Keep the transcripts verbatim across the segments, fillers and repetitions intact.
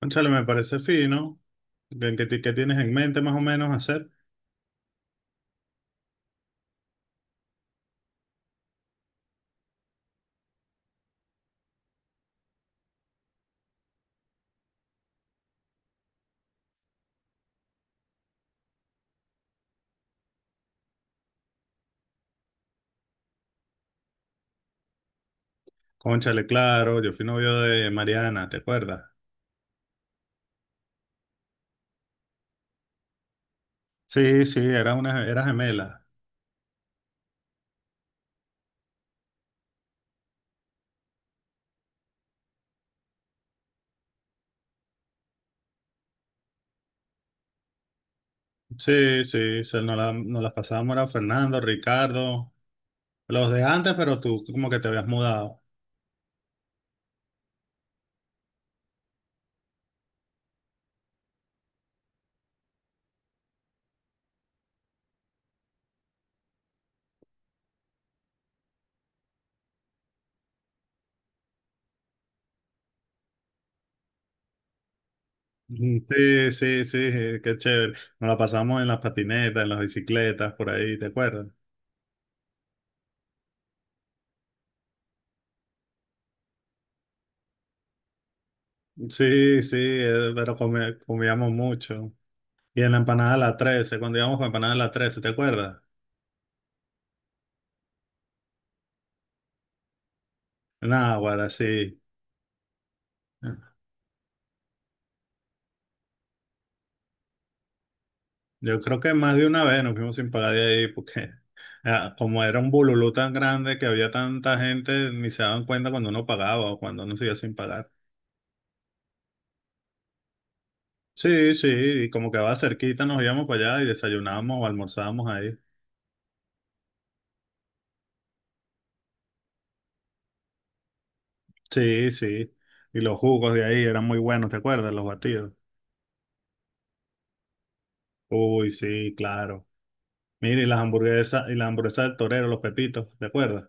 Cónchale, me parece fino. ¿De ¿Qué, ti- qué tienes en mente más o menos hacer? Cónchale, claro, yo fui novio de Mariana, ¿te acuerdas? Sí, sí, era una, era gemela. Sí, sí, se- nos, la- nos las pasábamos, era Fernando, Ricardo, los de antes, pero tú como que te habías mudado. Mm, sí, sí, sí, eh, qué chévere. Nos la pasamos en las patinetas, en las bicicletas, por ahí, ¿te acuerdas? Sí, sí, eh, pero comi- comíamos mucho. Y en la empanada de la trece, cuando íbamos para empanada de la trece, ¿te acuerdas? Náguara, sí. Yo creo que más de una vez nos fuimos sin pagar de ahí porque ah, como era un bululú tan grande que había tanta gente, ni se daban cuenta cuando uno pagaba o cuando uno se iba sin pagar. Sí, sí, y como quedaba cerquita, nos íbamos para allá y desayunábamos o almorzábamos ahí. Sí, sí. Y los jugos de ahí eran muy buenos, ¿te acuerdas? Los batidos. Uy, sí, claro. Mira, y las hamburguesas, y las hamburguesas del torero, los pepitos, ¿te acuerdas?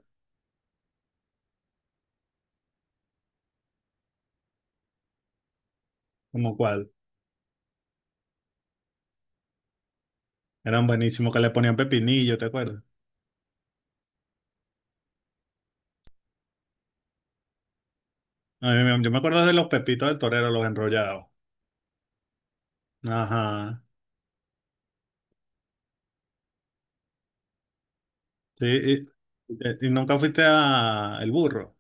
¿Cómo cuál? Eran buenísimos que le ponían pepinillo, ¿te acuerdas? A mí me- yo me acuerdo de los pepitos del torero, los enrollados. Ajá. Sí, y, y- y nunca fuiste a El Burro.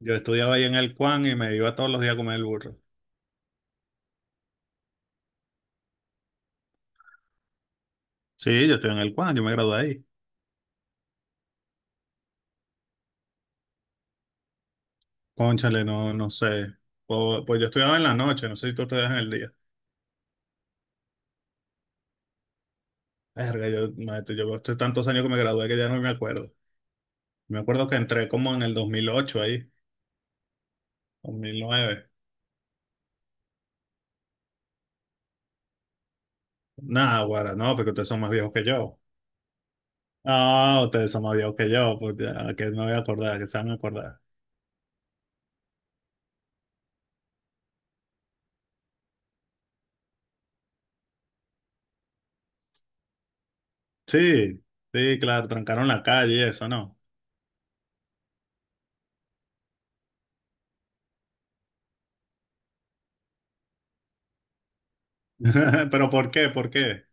Yo estudiaba ahí en el Cuan y me iba todos los días a comer el burro. Sí, yo estoy en el Cuan, yo me gradué ahí. Cónchale, no, no sé. Po- Pues, yo estudiaba en la noche, no sé si tú estudias en el día. Verga, yo, maestro, yo estoy tantos años que me gradué que ya no me acuerdo. Me acuerdo que entré como en el dos mil ocho ahí, dos mil nueve. Nada, guara, no, porque ustedes son más viejos que yo. Ah, ustedes son más viejos que yo, pues ya, que no voy a acordar, que se van a acordar. Sí, sí, claro, trancaron la calle y eso, ¿no? Pero ¿por qué? ¿Por qué?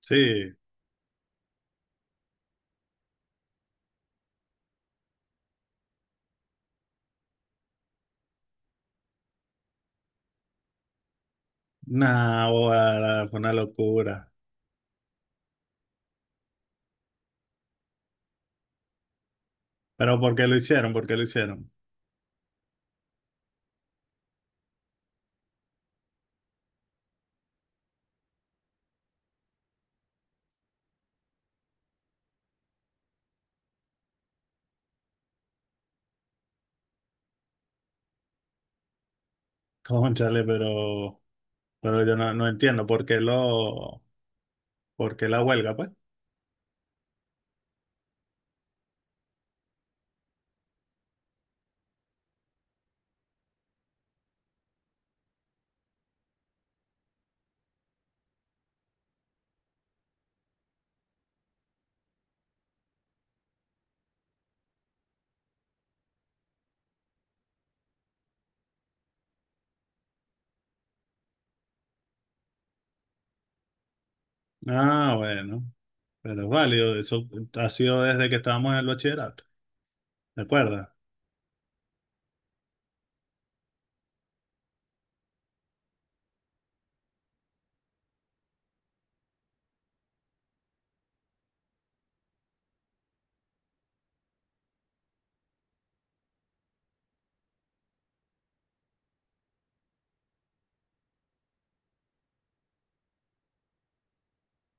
Sí, nah, boda, fue una locura. Pero ¿por qué lo hicieron? ¿Por qué lo hicieron? Cónchale, pero, pero yo no, no entiendo por qué lo, por qué la huelga, pues. Ah, bueno, pero es válido, eso ha sido desde que estábamos en el bachillerato, ¿de acuerdo?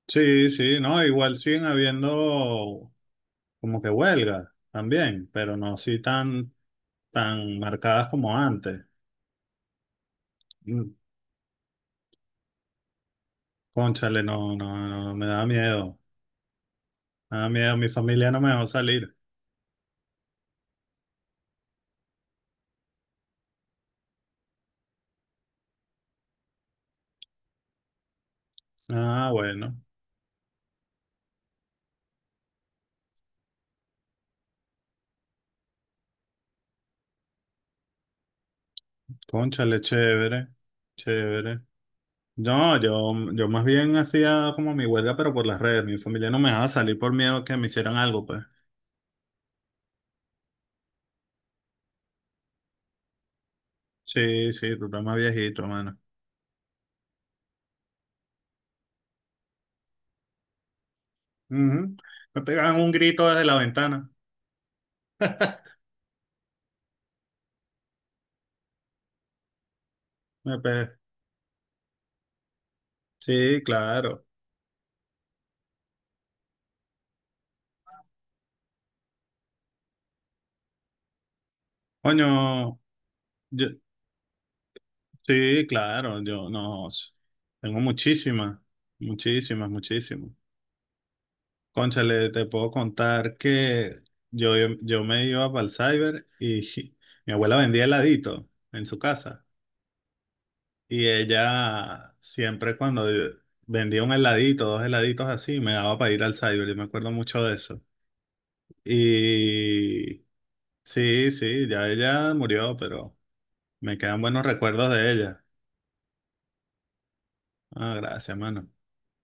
Sí, sí, no, igual siguen habiendo como que huelgas también, pero no así tan, tan marcadas como antes. Cónchale, no, no, no, no, me da miedo. Me da miedo, mi familia no me dejó salir. Ah, bueno. Cónchale, chévere, chévere. No, yo, yo más bien hacía como mi huelga, pero por las redes. Mi familia no me dejaba salir por miedo a que me hicieran algo, pues. Sí, sí, tú estás más viejito, mano. Ujú. Me pegaban un grito desde la ventana. Me pe- Sí, claro. Coño, yo- sí, claro, yo no. s- Tengo muchísimas, muchísimas, muchísimas. Cónchale, te puedo contar que yo, yo me iba para el cyber y mi abuela vendía heladito en su casa. Y ella siempre cuando vendía un heladito, dos heladitos así, me daba para ir al cyber. Yo me acuerdo mucho de eso. Y sí, sí, ya ella murió, pero me quedan buenos recuerdos de ella. Ah, gracias, mano.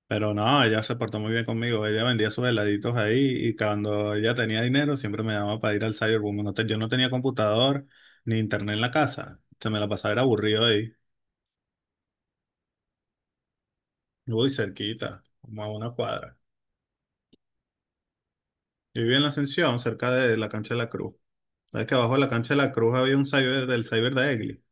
Pero no, ella se portó muy bien conmigo. Ella vendía sus heladitos ahí y cuando ella tenía dinero siempre me daba para ir al Cyberboom. No te- yo no tenía computador ni internet en la casa. Se me la pasaba era aburrido ahí. Uy, cerquita, como a una cuadra. Yo vivía en la Ascensión, cerca de la cancha de la Cruz. Sabes que abajo de la cancha de la Cruz había un cyber del cyber de Egli.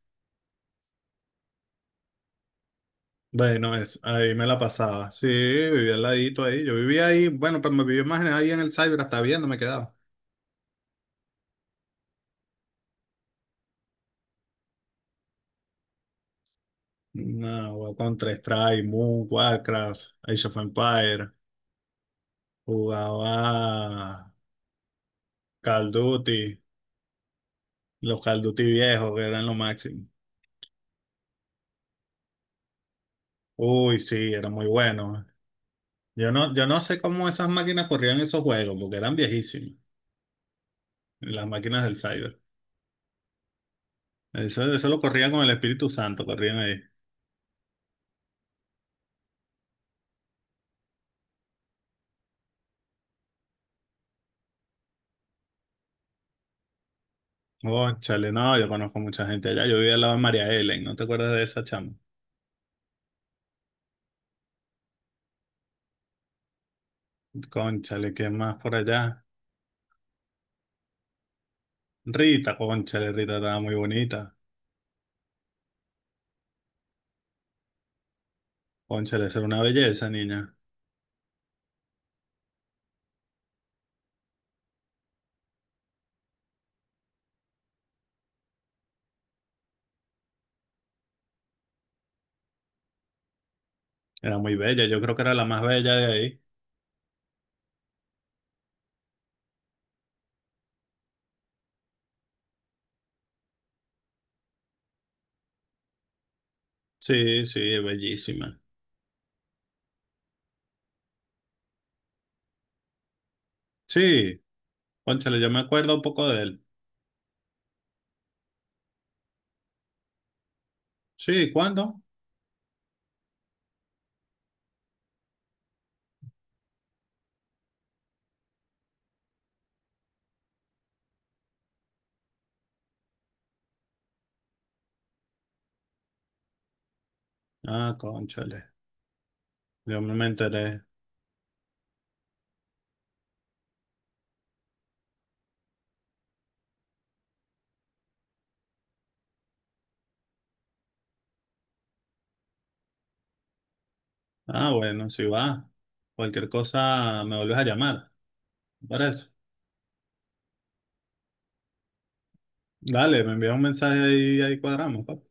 Bueno, es, ahí me la pasaba. Sí, vivía al ladito ahí. Yo vivía ahí, bueno, pero me vivía más en- ahí en el cyber, hasta viendo me quedaba. No, Counter-Strike, Moon, Warcraft, Age of Empires. Jugaba Call of Duty, los Call of Duty viejos, que eran lo máximo. Uy, sí, era muy bueno. Yo no, yo no sé cómo esas máquinas corrían esos juegos, porque eran viejísimos, las máquinas del cyber. Eso, eso lo corrían con el Espíritu Santo, corrían ahí. Cónchale, no, yo conozco mucha gente allá. Yo vivía al lado de María Helen, ¿no te acuerdas de esa chama? Cónchale, ¿qué más por allá? Rita, cónchale, Rita estaba muy bonita. Cónchale, esa era una belleza, niña. Era muy bella, yo creo que era la más bella de ahí. Sí, sí, es bellísima. Sí, cónchale, yo me acuerdo un poco de él. Sí, ¿cuándo? Ah, cónchale, yo no me enteré. Ah, bueno, si va. Cualquier cosa me vuelves a llamar. Para eso. Dale, me envías un mensaje y ahí cuadramos, papá.